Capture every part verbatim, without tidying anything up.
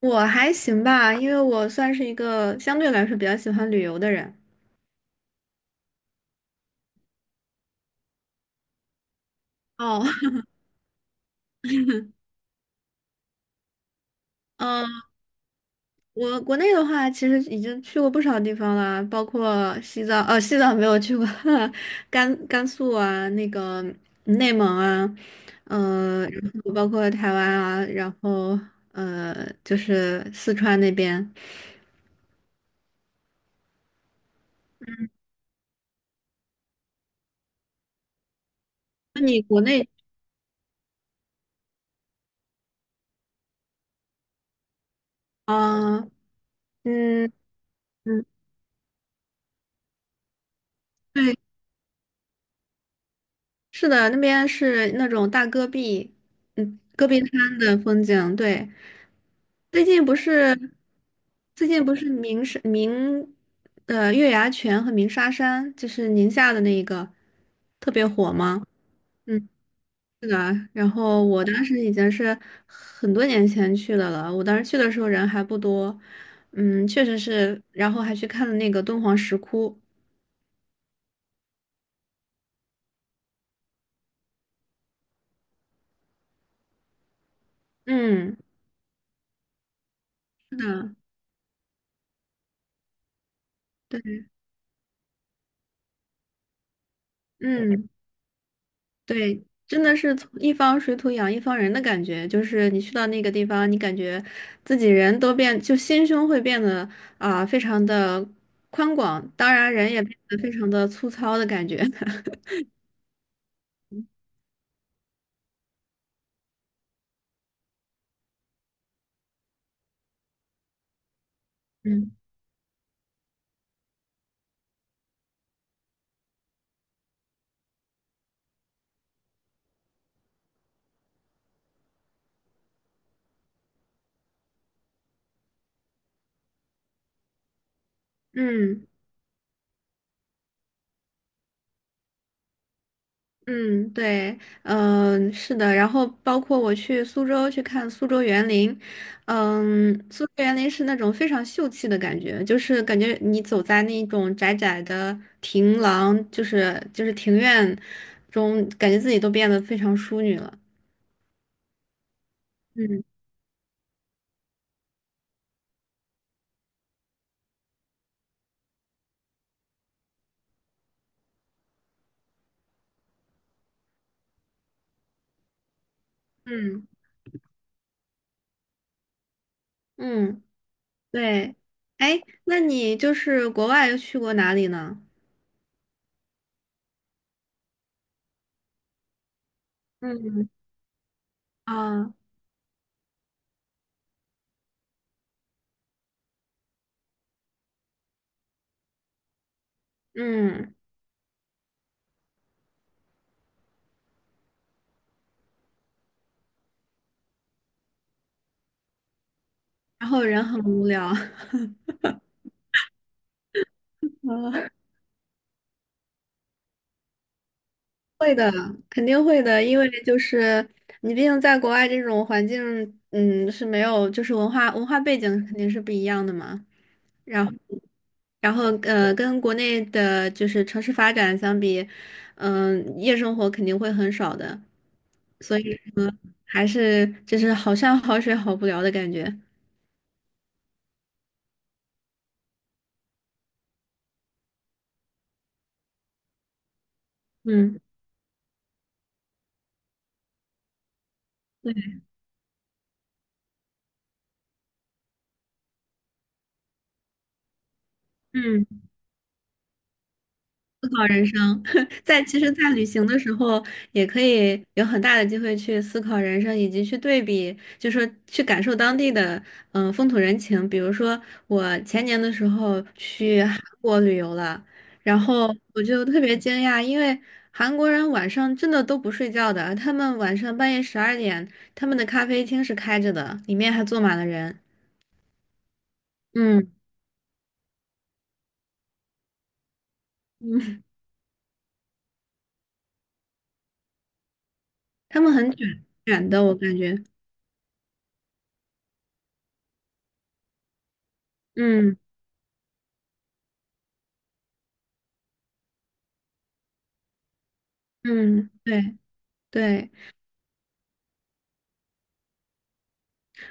我还行吧，因为我算是一个相对来说比较喜欢旅游的人。哦，嗯，我国内的话，其实已经去过不少地方了，包括西藏，呃，西藏没有去过。甘甘肃啊，那个内蒙啊，呃，然后包括台湾啊，然后呃，就是四川那边。那你国内，啊，嗯嗯，对，是的，那边是那种大戈壁，嗯，戈壁滩的风景，对。最近不是最近不是鸣沙鸣呃月牙泉和鸣沙山，就是宁夏的那个特别火吗？嗯，是的。然后我当时已经是很多年前去的了，我当时去的时候人还不多，嗯，确实是。然后还去看了那个敦煌石窟，嗯，是的，对，嗯。对，真的是从一方水土养一方人的感觉，就是你去到那个地方，你感觉自己人都变，就心胸会变得啊、非常的宽广，当然人也变得非常的粗糙的感觉。嗯嗯。嗯，对，嗯、是的，然后包括我去苏州去看苏州园林，嗯，苏州园林是那种非常秀气的感觉，就是感觉你走在那种窄窄的庭廊，就是就是庭院中，感觉自己都变得非常淑女了。嗯嗯嗯，对，哎，那你就是国外又去过哪里呢？嗯啊，嗯，然后人很无聊。会的，肯定会的，因为就是你毕竟在国外这种环境，嗯，是没有，就是文化文化背景肯定是不一样的嘛。然后，然后呃，跟国内的就是城市发展相比，嗯、夜生活肯定会很少的，所以说还是就是好山好水好无聊的感觉。嗯，对，嗯。思考人生，在其实，在旅行的时候，也可以有很大的机会去思考人生，以及去对比，就说去感受当地的嗯、呃风土人情。比如说，我前年的时候去韩国旅游了，然后我就特别惊讶，因为韩国人晚上真的都不睡觉的，他们晚上半夜十二点，他们的咖啡厅是开着的，里面还坐满了人。嗯嗯，他们很卷卷的，我感觉。嗯嗯，对对。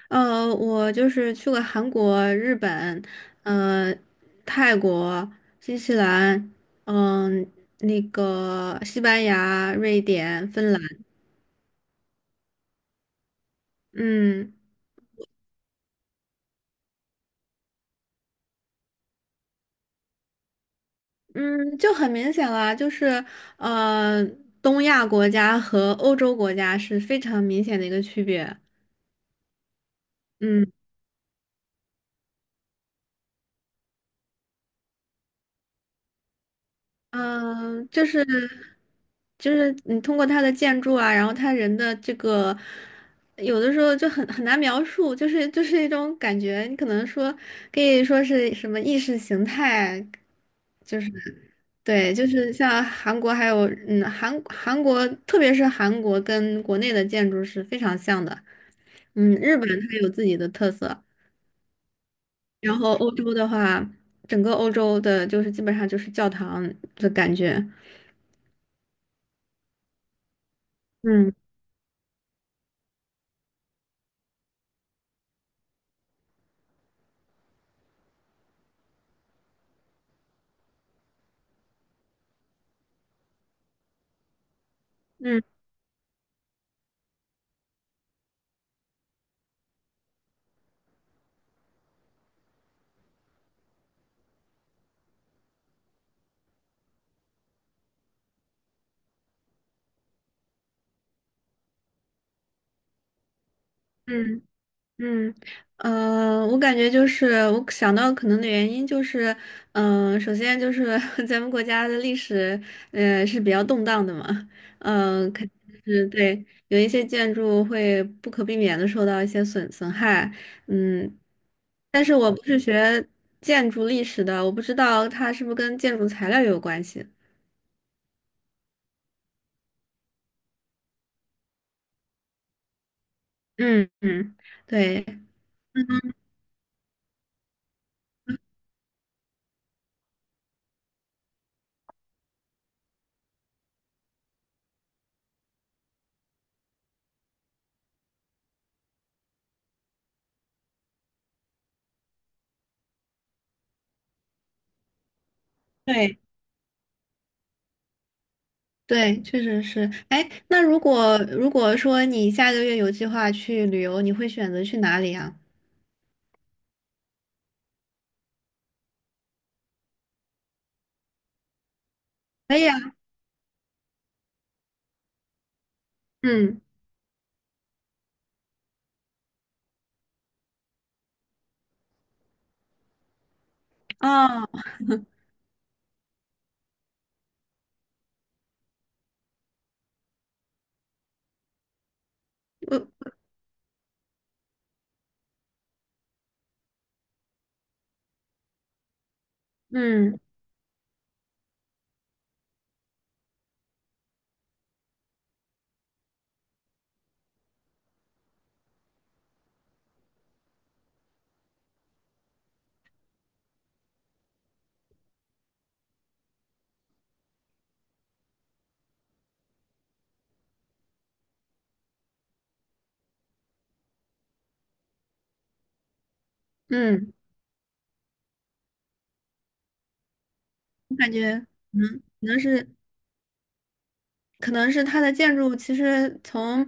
呃，我就是去过韩国、日本，呃，泰国、新西兰，嗯、那个西班牙、瑞典、芬兰，嗯嗯，就很明显了，就是呃，东亚国家和欧洲国家是非常明显的一个区别。嗯。嗯，就是就是你通过他的建筑啊，然后他人的这个，有的时候就很很难描述，就是就是一种感觉，你可能说可以说是什么意识形态，就是对，就是像韩国还有嗯韩韩国，特别是韩国跟国内的建筑是非常像的，嗯，日本它有自己的特色，然后欧洲的话，整个欧洲的就是基本上就是教堂的感觉，嗯嗯嗯。嗯，呃，我感觉就是我想到可能的原因就是，嗯、首先就是 咱们国家的历史，呃，是比较动荡的嘛，嗯、肯定是对，有一些建筑会不可避免的受到一些损损害，嗯，但是我不是学建筑历史的，我不知道它是不是跟建筑材料有关系。嗯嗯，对。嗯对。对，确实是。哎，那如果如果说你下个月有计划去旅游，你会选择去哪里啊？可以啊，嗯，啊，我，嗯嗯，我感觉嗯。能可能是可能是它的建筑其实从，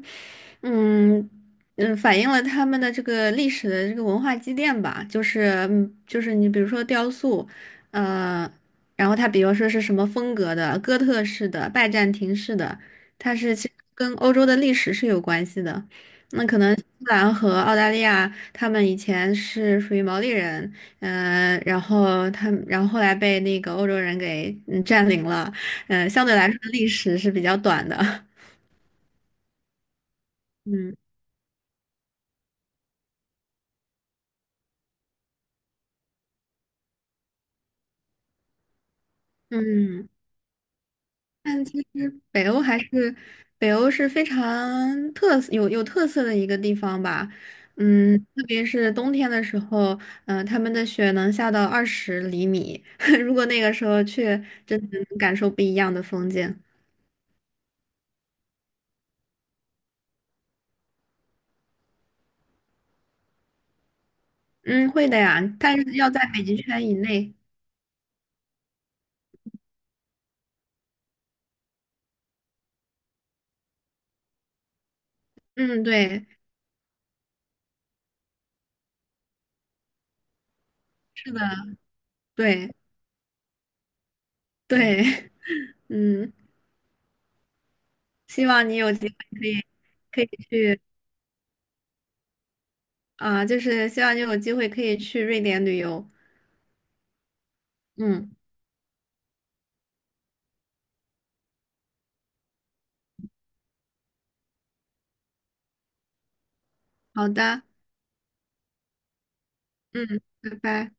嗯嗯，反映了他们的这个历史的这个文化积淀吧，就是嗯就是你比如说雕塑，呃，然后它比如说是什么风格的，哥特式的、拜占庭式的，它是其实跟欧洲的历史是有关系的。那可能新西兰和澳大利亚，他们以前是属于毛利人，嗯，然后他们，然后后来被那个欧洲人给嗯占领了。呃，相对来说历史是比较短的。嗯嗯，但其实北欧还是北欧是非常特色有有特色的一个地方吧。嗯，特别是冬天的时候，嗯、呃他们的雪能下到二十厘米，如果那个时候去，真的能感受不一样的风景。嗯，会的呀，但是要在北极圈以内。嗯，对，是的，对对，嗯，希望你有机会可以可以去。啊，就是希望你有机会可以去瑞典旅游。嗯，好的，嗯，拜拜。